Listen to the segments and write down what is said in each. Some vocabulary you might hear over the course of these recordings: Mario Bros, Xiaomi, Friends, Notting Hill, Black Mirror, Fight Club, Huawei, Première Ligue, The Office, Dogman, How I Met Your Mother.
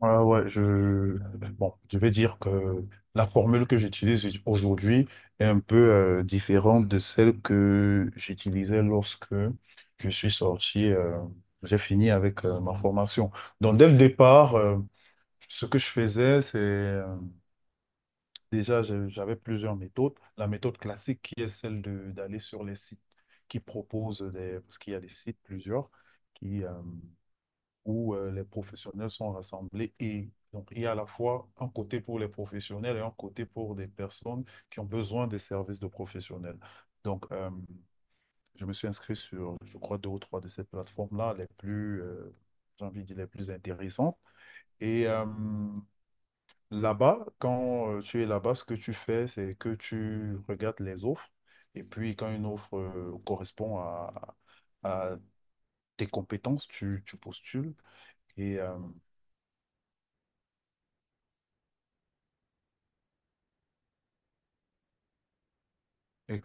Ouais, ouais. Bon, je vais dire que la formule que j'utilise aujourd'hui est un peu différente de celle que j'utilisais lorsque je suis sorti, j'ai fini avec ma formation. Donc, dès le départ, ce que je faisais, c'est déjà, j'avais plusieurs méthodes. La méthode classique qui est celle de d'aller sur les sites qui proposent des... Parce qu'il y a des sites, plusieurs, qui... euh, où les professionnels sont rassemblés, et donc il y a à la fois un côté pour les professionnels et un côté pour des personnes qui ont besoin des services de professionnels. Donc je me suis inscrit sur, je crois, deux ou trois de ces plateformes-là, les plus, j'ai envie de dire, les plus intéressantes. Et là-bas, quand tu es là-bas, ce que tu fais, c'est que tu regardes les offres. Et puis, quand une offre correspond à tes compétences, tu postules. Et, euh, et.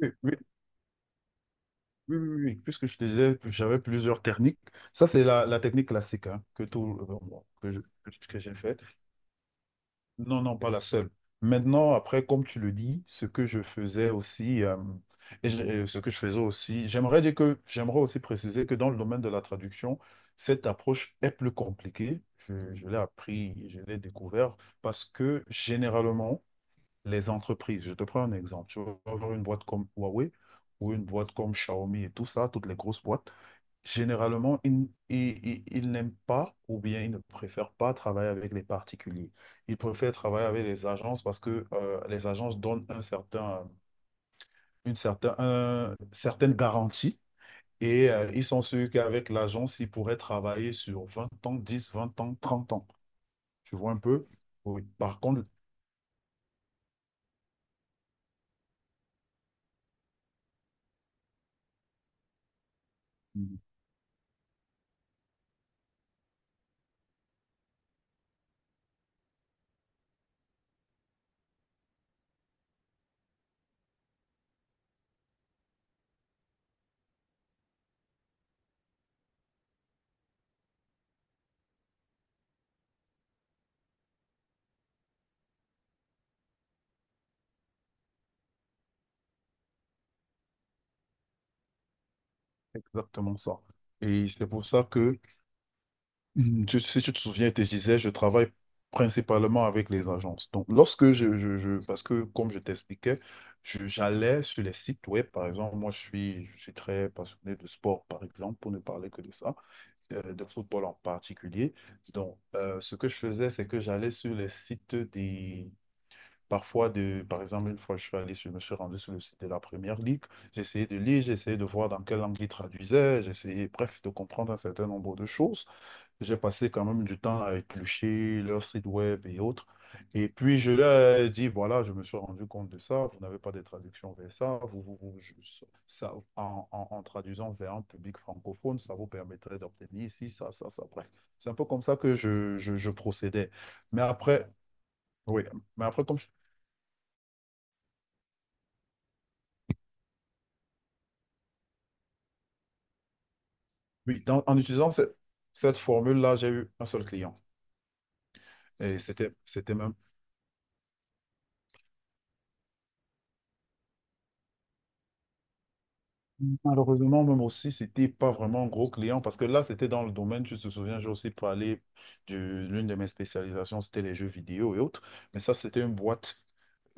Oui, oui, oui, oui, oui. Puisque je te disais que j'avais plusieurs techniques. Ça, c'est la technique classique, hein, que, tout, bon, que, je- que j'ai faite. Non, non, pas la seule. Maintenant, après, comme tu le dis, ce que je faisais aussi, ce que je faisais aussi, j'aimerais aussi préciser que dans le domaine de la traduction, cette approche est plus compliquée. Je l'ai appris, je l'ai découvert parce que généralement, les entreprises. Je te prends un exemple. Tu vas avoir une boîte comme Huawei ou une boîte comme Xiaomi et tout ça, toutes les grosses boîtes. Généralement, ils n'aiment pas, ou bien ils ne préfèrent pas travailler avec les particuliers. Ils préfèrent travailler avec les agences parce que les agences donnent une certaine garantie. Et ils sont sûrs qu'avec l'agence, ils pourraient travailler sur 20 ans, 10, 20 ans, 30 ans. Tu vois un peu? Oui. Par contre, exactement ça. Et c'est pour ça que si tu te souviens, je te disais, je travaille principalement avec les agences. Donc, lorsque parce que comme je t'expliquais, j'allais sur les sites web, par exemple, moi je suis très passionné de sport, par exemple, pour ne parler que de ça, de football en particulier. Donc, ce que je faisais, c'est que j'allais sur les sites des, parfois de, par exemple, une fois je suis allé, je me suis rendu sur le site de la Première Ligue, j'essayais de lire, j'essayais de voir dans quelle langue ils traduisaient, j'essayais, bref, de comprendre un certain nombre de choses. J'ai passé quand même du temps à éplucher leur site web et autres. Et puis, je leur ai dit, voilà, je me suis rendu compte de ça. Vous n'avez pas de traduction vers ça. En traduisant vers un public francophone, ça vous permettrait d'obtenir ici, ça, ça, ça. Bref, c'est un peu comme ça que je procédais. Mais après, oui, mais après, comme je- oui, en utilisant cette formule-là, j'ai eu un seul client. Et c'était même. Malheureusement, même aussi, c'était pas vraiment un gros client parce que là, c'était dans le domaine, tu te souviens, j'ai aussi parlé de l'une de mes spécialisations, c'était les jeux vidéo et autres, mais ça, c'était une boîte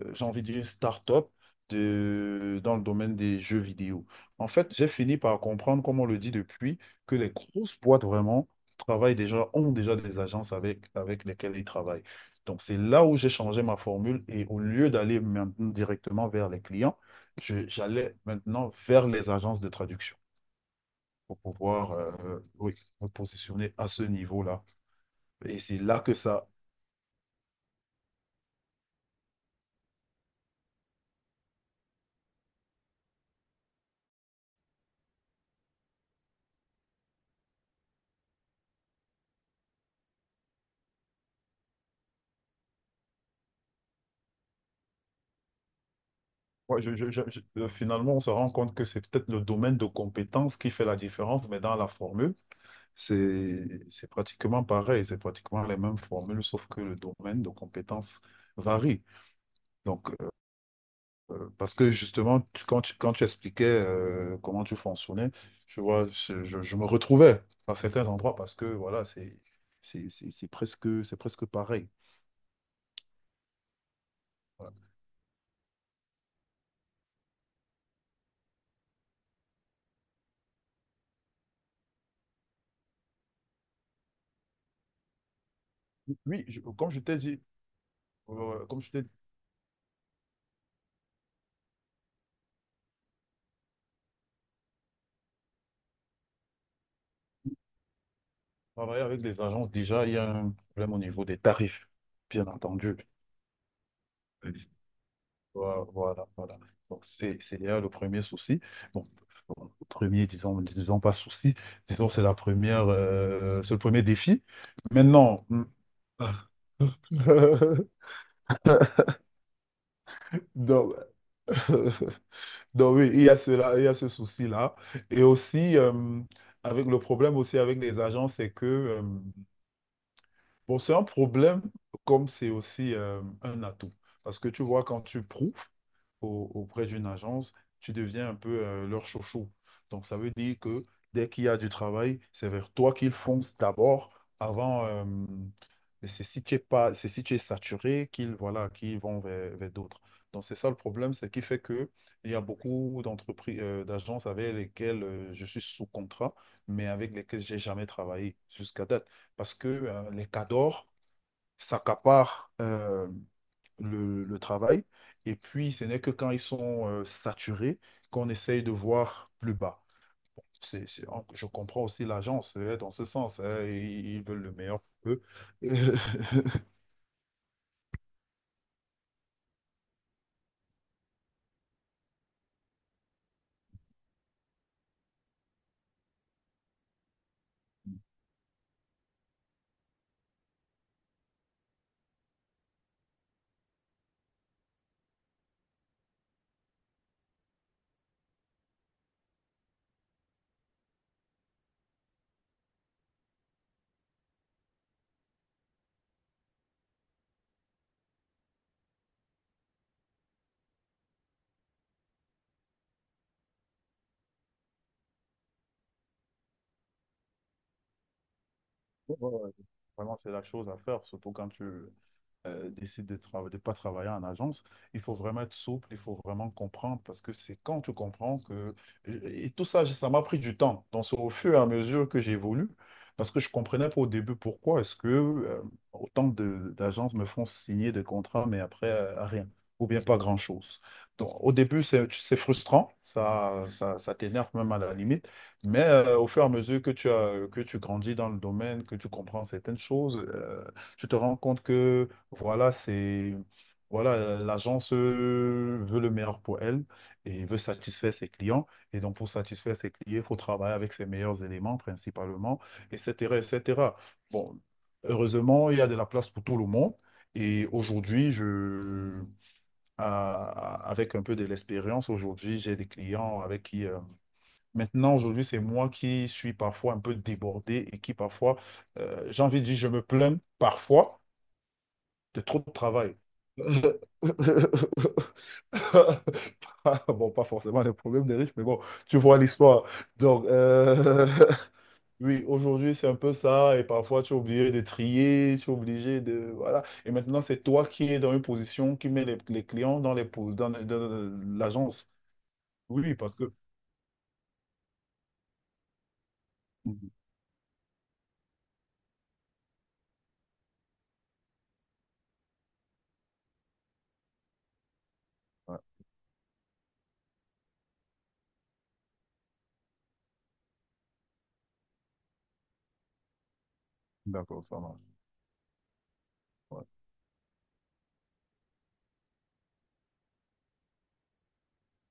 j'ai envie de dire, une start-up dans le domaine des jeux vidéo. En fait, j'ai fini par comprendre, comme on le dit depuis, que les grosses boîtes vraiment travaillent déjà, ont déjà des agences avec, avec lesquelles ils travaillent. Donc, c'est là où j'ai changé ma formule, et au lieu d'aller maintenant directement vers les clients, j'allais maintenant vers les agences de traduction pour pouvoir oui, me positionner à ce niveau-là. Et c'est là que ça. Finalement, on se rend compte que c'est peut-être le domaine de compétence qui fait la différence, mais dans la formule, c'est pratiquement pareil, c'est pratiquement les mêmes formules, sauf que le domaine de compétence varie. Donc, parce que justement, quand tu expliquais comment tu fonctionnais, je vois, je me retrouvais à certains endroits parce que voilà, c'est presque pareil. Voilà. Oui, comme je t'ai dit, euh, comme je t'ai dit, travailler avec les agences, déjà, il y a un problème au niveau des tarifs, bien entendu. Oui. Voilà. Donc, c'est déjà le premier souci. Bon, bon, premier, disons pas souci, disons, c'est c'est le premier défi. Maintenant, donc, donc oui, il y a cela, il y a ce souci-là. Et aussi, avec le problème aussi avec les agents, c'est que, c'est un problème comme c'est aussi un atout. Parce que tu vois, quand tu prouves, auprès d'une agence, tu deviens un peu leur chouchou. Donc, ça veut dire que dès qu'il y a du travail, c'est vers toi qu'ils foncent d'abord avant. C'est si tu es pas, c'est si tu es saturé qu'ils voilà, qu'ils vont vers, vers d'autres. Donc, c'est ça le problème, c'est qui fait que il y a beaucoup d'entreprises, d'agences avec lesquelles je suis sous contrat, mais avec lesquelles j'ai jamais travaillé jusqu'à date. Parce que les cadors s'accaparent le travail. Et puis, ce n'est que quand ils sont saturés qu'on essaye de voir plus bas. Je comprends aussi l'agence dans ce sens, hein, ils veulent le meilleur pour eux. Ouais, ouais, vraiment, c'est la chose à faire, surtout quand tu décide de pas travailler en agence, il faut vraiment être souple, il faut vraiment comprendre, parce que c'est quand tu comprends que... Et tout ça, ça m'a pris du temps. Donc, c'est au fur et à mesure que j'évolue, parce que je comprenais pas au début pourquoi est-ce que autant d'agences me font signer des contrats, mais après, rien, ou bien pas grand-chose. Donc, au début, c'est frustrant. Ça t'énerve même à la limite, mais au fur et à mesure que que tu grandis dans le domaine, que tu comprends certaines choses, tu te rends compte que voilà, c'est voilà, l'agence veut le meilleur pour elle et veut satisfaire ses clients. Et donc, pour satisfaire ses clients, il faut travailler avec ses meilleurs éléments principalement, et cetera et cetera. Bon, heureusement, il y a de la place pour tout le monde. Et aujourd'hui, avec un peu de l'expérience, aujourd'hui, j'ai des clients avec qui aujourd'hui, c'est moi qui suis parfois un peu débordé et qui parfois, j'ai envie de dire, je me plains parfois de trop de travail. Bon, pas forcément des problèmes des riches, mais bon, tu vois l'histoire. Donc, oui, aujourd'hui, c'est un peu ça. Et parfois, tu es obligé de trier, tu es obligé de... Voilà. Et maintenant, c'est toi qui es dans une position qui met les clients dans dans l'agence. Oui, parce que... Mhm. Ouais, d'accord, ça marche. Ouais.